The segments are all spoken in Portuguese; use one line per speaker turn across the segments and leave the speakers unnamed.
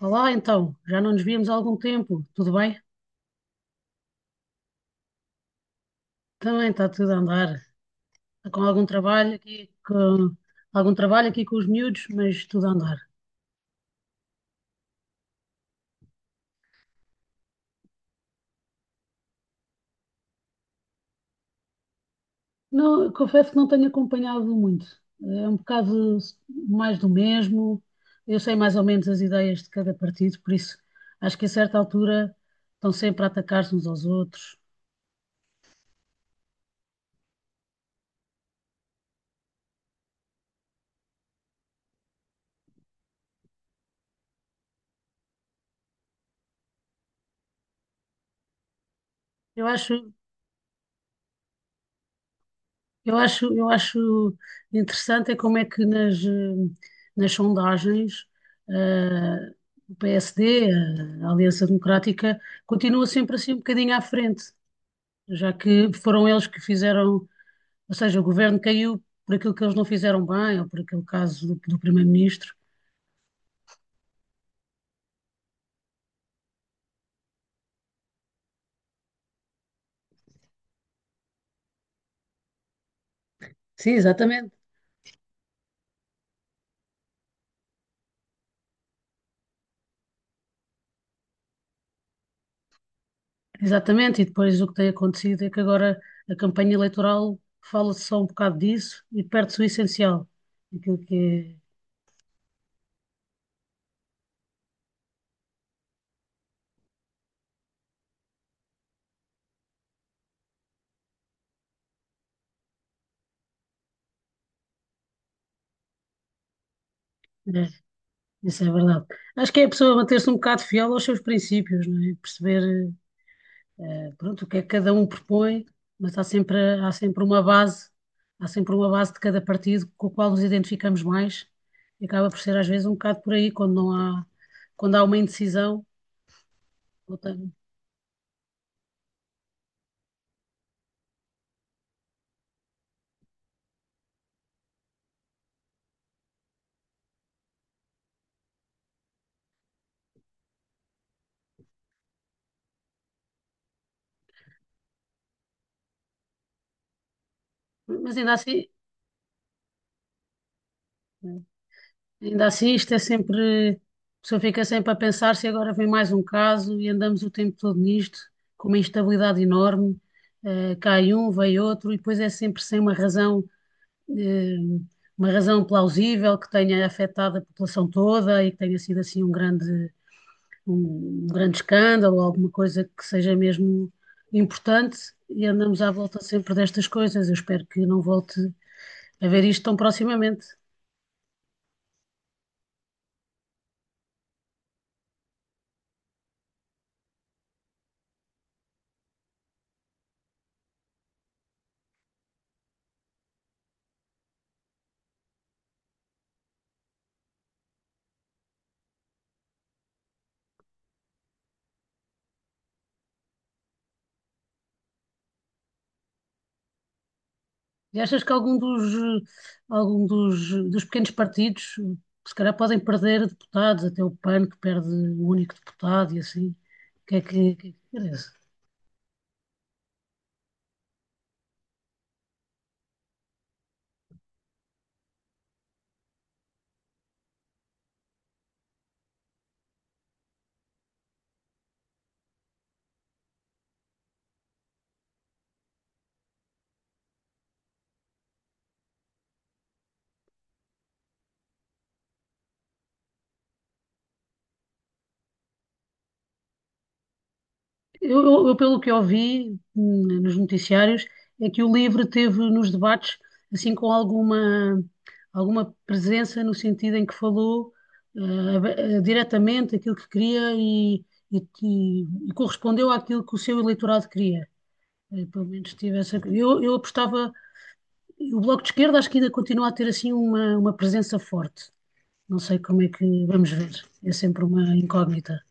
Olá, então, já não nos víamos há algum tempo, tudo bem? Também está tudo a andar. Está com algum trabalho aqui, com algum trabalho aqui com os miúdos, mas tudo a andar. Não, confesso que não tenho acompanhado muito, é um bocado mais do mesmo, eu sei mais ou menos as ideias de cada partido, por isso acho que a certa altura estão sempre a atacar-se uns aos outros. Eu acho, eu acho interessante é como é que nas, nas sondagens, eh, o PSD, a Aliança Democrática, continua sempre assim um bocadinho à frente, já que foram eles que fizeram, ou seja, o governo caiu por aquilo que eles não fizeram bem, ou por aquele caso do primeiro-ministro. Sim, exatamente. Exatamente, e depois o que tem acontecido é que agora a campanha eleitoral fala-se só um bocado disso e perde-se o essencial, aquilo que é. Né, isso é verdade. Acho que é a pessoa manter-se um bocado fiel aos seus princípios, não é? Perceber, pronto, o que é que cada um propõe, mas há sempre uma base, há sempre uma base de cada partido com o qual nos identificamos mais e acaba por ser às vezes um bocado por aí, quando não há, quando há uma indecisão. ou tem- Mas ainda assim, ainda assim, isto é sempre. A pessoa fica sempre a pensar se agora vem mais um caso e andamos o tempo todo nisto, com uma instabilidade enorme. Cai um, vem outro, e depois é sempre sem uma razão, eh, uma razão plausível que tenha afetado a população toda e que tenha sido assim um grande, um grande escândalo, alguma coisa que seja mesmo importante. E andamos à volta sempre destas coisas. Eu espero que não volte a ver isto tão proximamente. E achas que algum dos, algum dos pequenos partidos, se calhar, podem perder deputados, até o PAN que perde o único deputado e assim? O que é que, o que é que parece? Pelo que eu ouvi, nos noticiários, é que o Livre teve nos debates, assim, com alguma, alguma presença no sentido em que falou diretamente aquilo que queria e, e- e correspondeu àquilo que o seu eleitorado queria. Pelo menos tive essa. Eu apostava. E o Bloco de Esquerda acho que ainda continua a ter assim uma presença forte. Não sei como é que vamos ver. É sempre uma incógnita.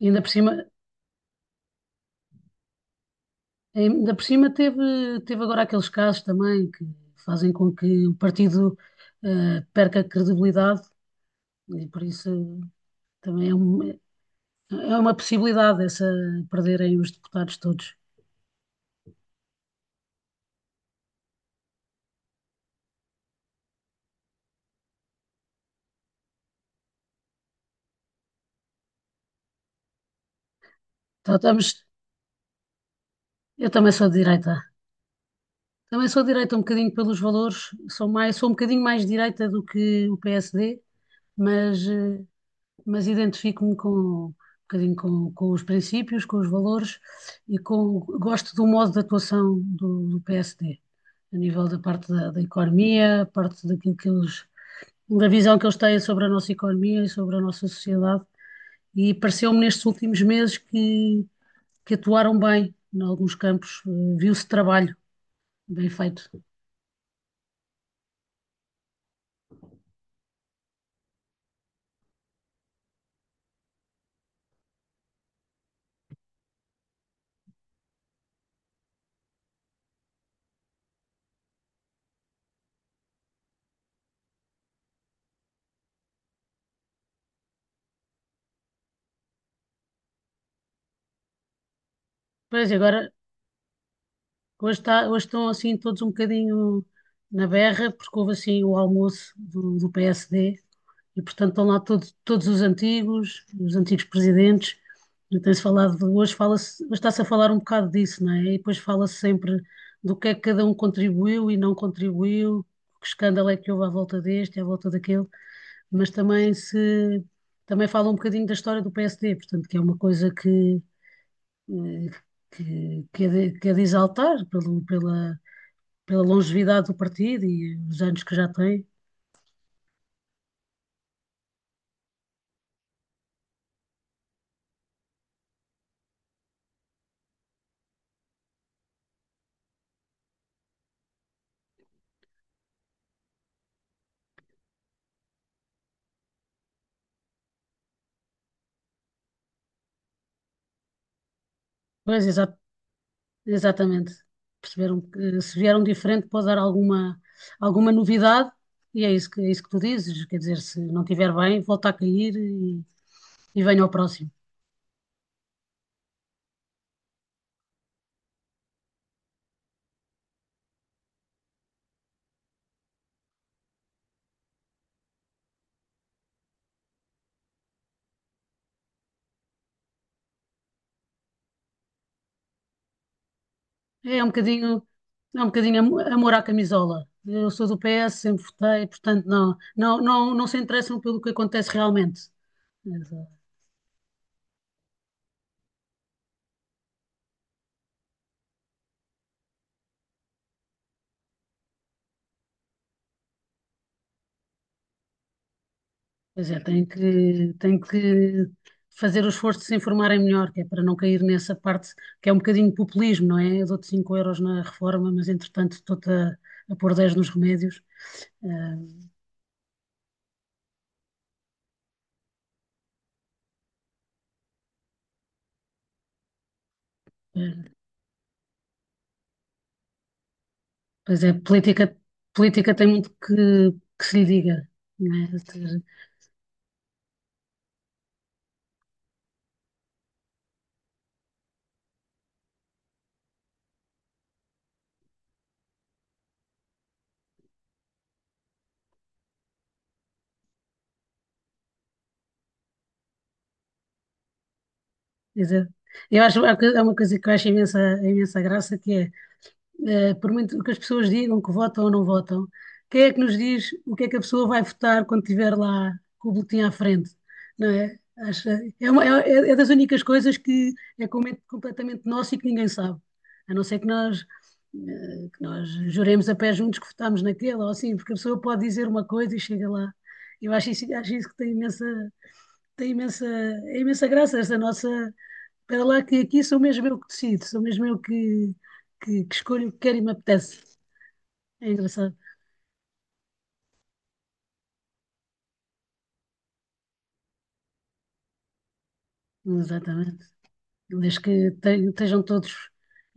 E ainda por cima teve agora aqueles casos também que fazem com que o partido perca credibilidade e por isso também é uma possibilidade essa perderem os deputados todos. Então, estamos, eu também sou de direita. Também sou de direita um bocadinho pelos valores, sou mais, sou um bocadinho mais de direita do que o PSD, mas eh, mas identifico-me com um bocadinho com os princípios, com os valores e com gosto do modo de atuação do PSD, a nível da parte da, da economia, a parte daquilo que eles, da visão que eles têm sobre a nossa economia e sobre a nossa sociedade. E pareceu-me nestes últimos meses que atuaram bem em alguns campos, viu-se trabalho bem feito. Pois, e agora, hoje, está, hoje estão assim todos um bocadinho na berra, porque houve assim o almoço do PSD. E, portanto, estão lá todos, todos os antigos presidentes. E tem-se falado, hoje fala-se, hoje está-se a falar um bocado disso, não é? E depois fala-se sempre do que é que cada um contribuiu e não contribuiu, que escândalo é que houve à volta deste, à volta daquele, mas também se também fala um bocadinho da história do PSD, portanto, que é uma coisa que, eh, que é de, que é de exaltar pelo, pela, pela longevidade do partido e os anos que já tem. Pois, exatamente. Perceberam que se vieram diferente pode dar alguma, alguma novidade e é isso que tu dizes. Quer dizer, se não estiver bem, volta a cair e venha ao próximo. É um bocadinho, é um bocadinho amor à camisola. Eu sou do PS, sempre votei, portanto não se interessam pelo que acontece realmente. Pois é, tem que fazer o esforço de se informarem melhor, que é para não cair nessa parte que é um bocadinho populismo, não é? Eu dou-te 5 euros na reforma, mas entretanto a pôr 10 nos remédios. Ah, eh, pois é, política, política tem muito que se lhe diga, não é? Quer dizer, eu acho há uma coisa que eu acho imensa, imensa graça, que é por muito que as pessoas digam que votam ou não votam, quem é que nos diz o que é que a pessoa vai votar quando estiver lá com o boletim à frente, não é? É das únicas coisas que é com- completamente nosso e que ninguém sabe, a não ser que nós, que nós juremos a pé juntos que votámos naquela ou assim, porque a pessoa pode dizer uma coisa e chega lá. Eu acho isso que tem imensa, é imensa graça essa nossa, para lá que aqui sou mesmo eu que decido, sou mesmo eu que escolho o que quero e me apetece. É engraçado. Exatamente. Desde que estejam todos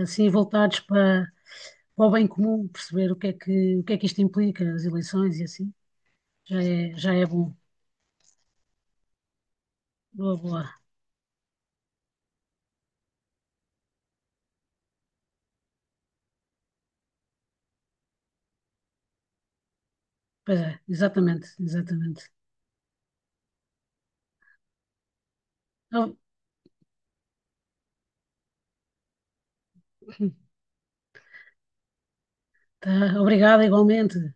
assim voltados para, para o bem comum, perceber o que é que, o que é que isto implica, as eleições e assim, já é bom. Boa, boa. Pois é, exatamente, exatamente. Oh, tá, obrigada igualmente.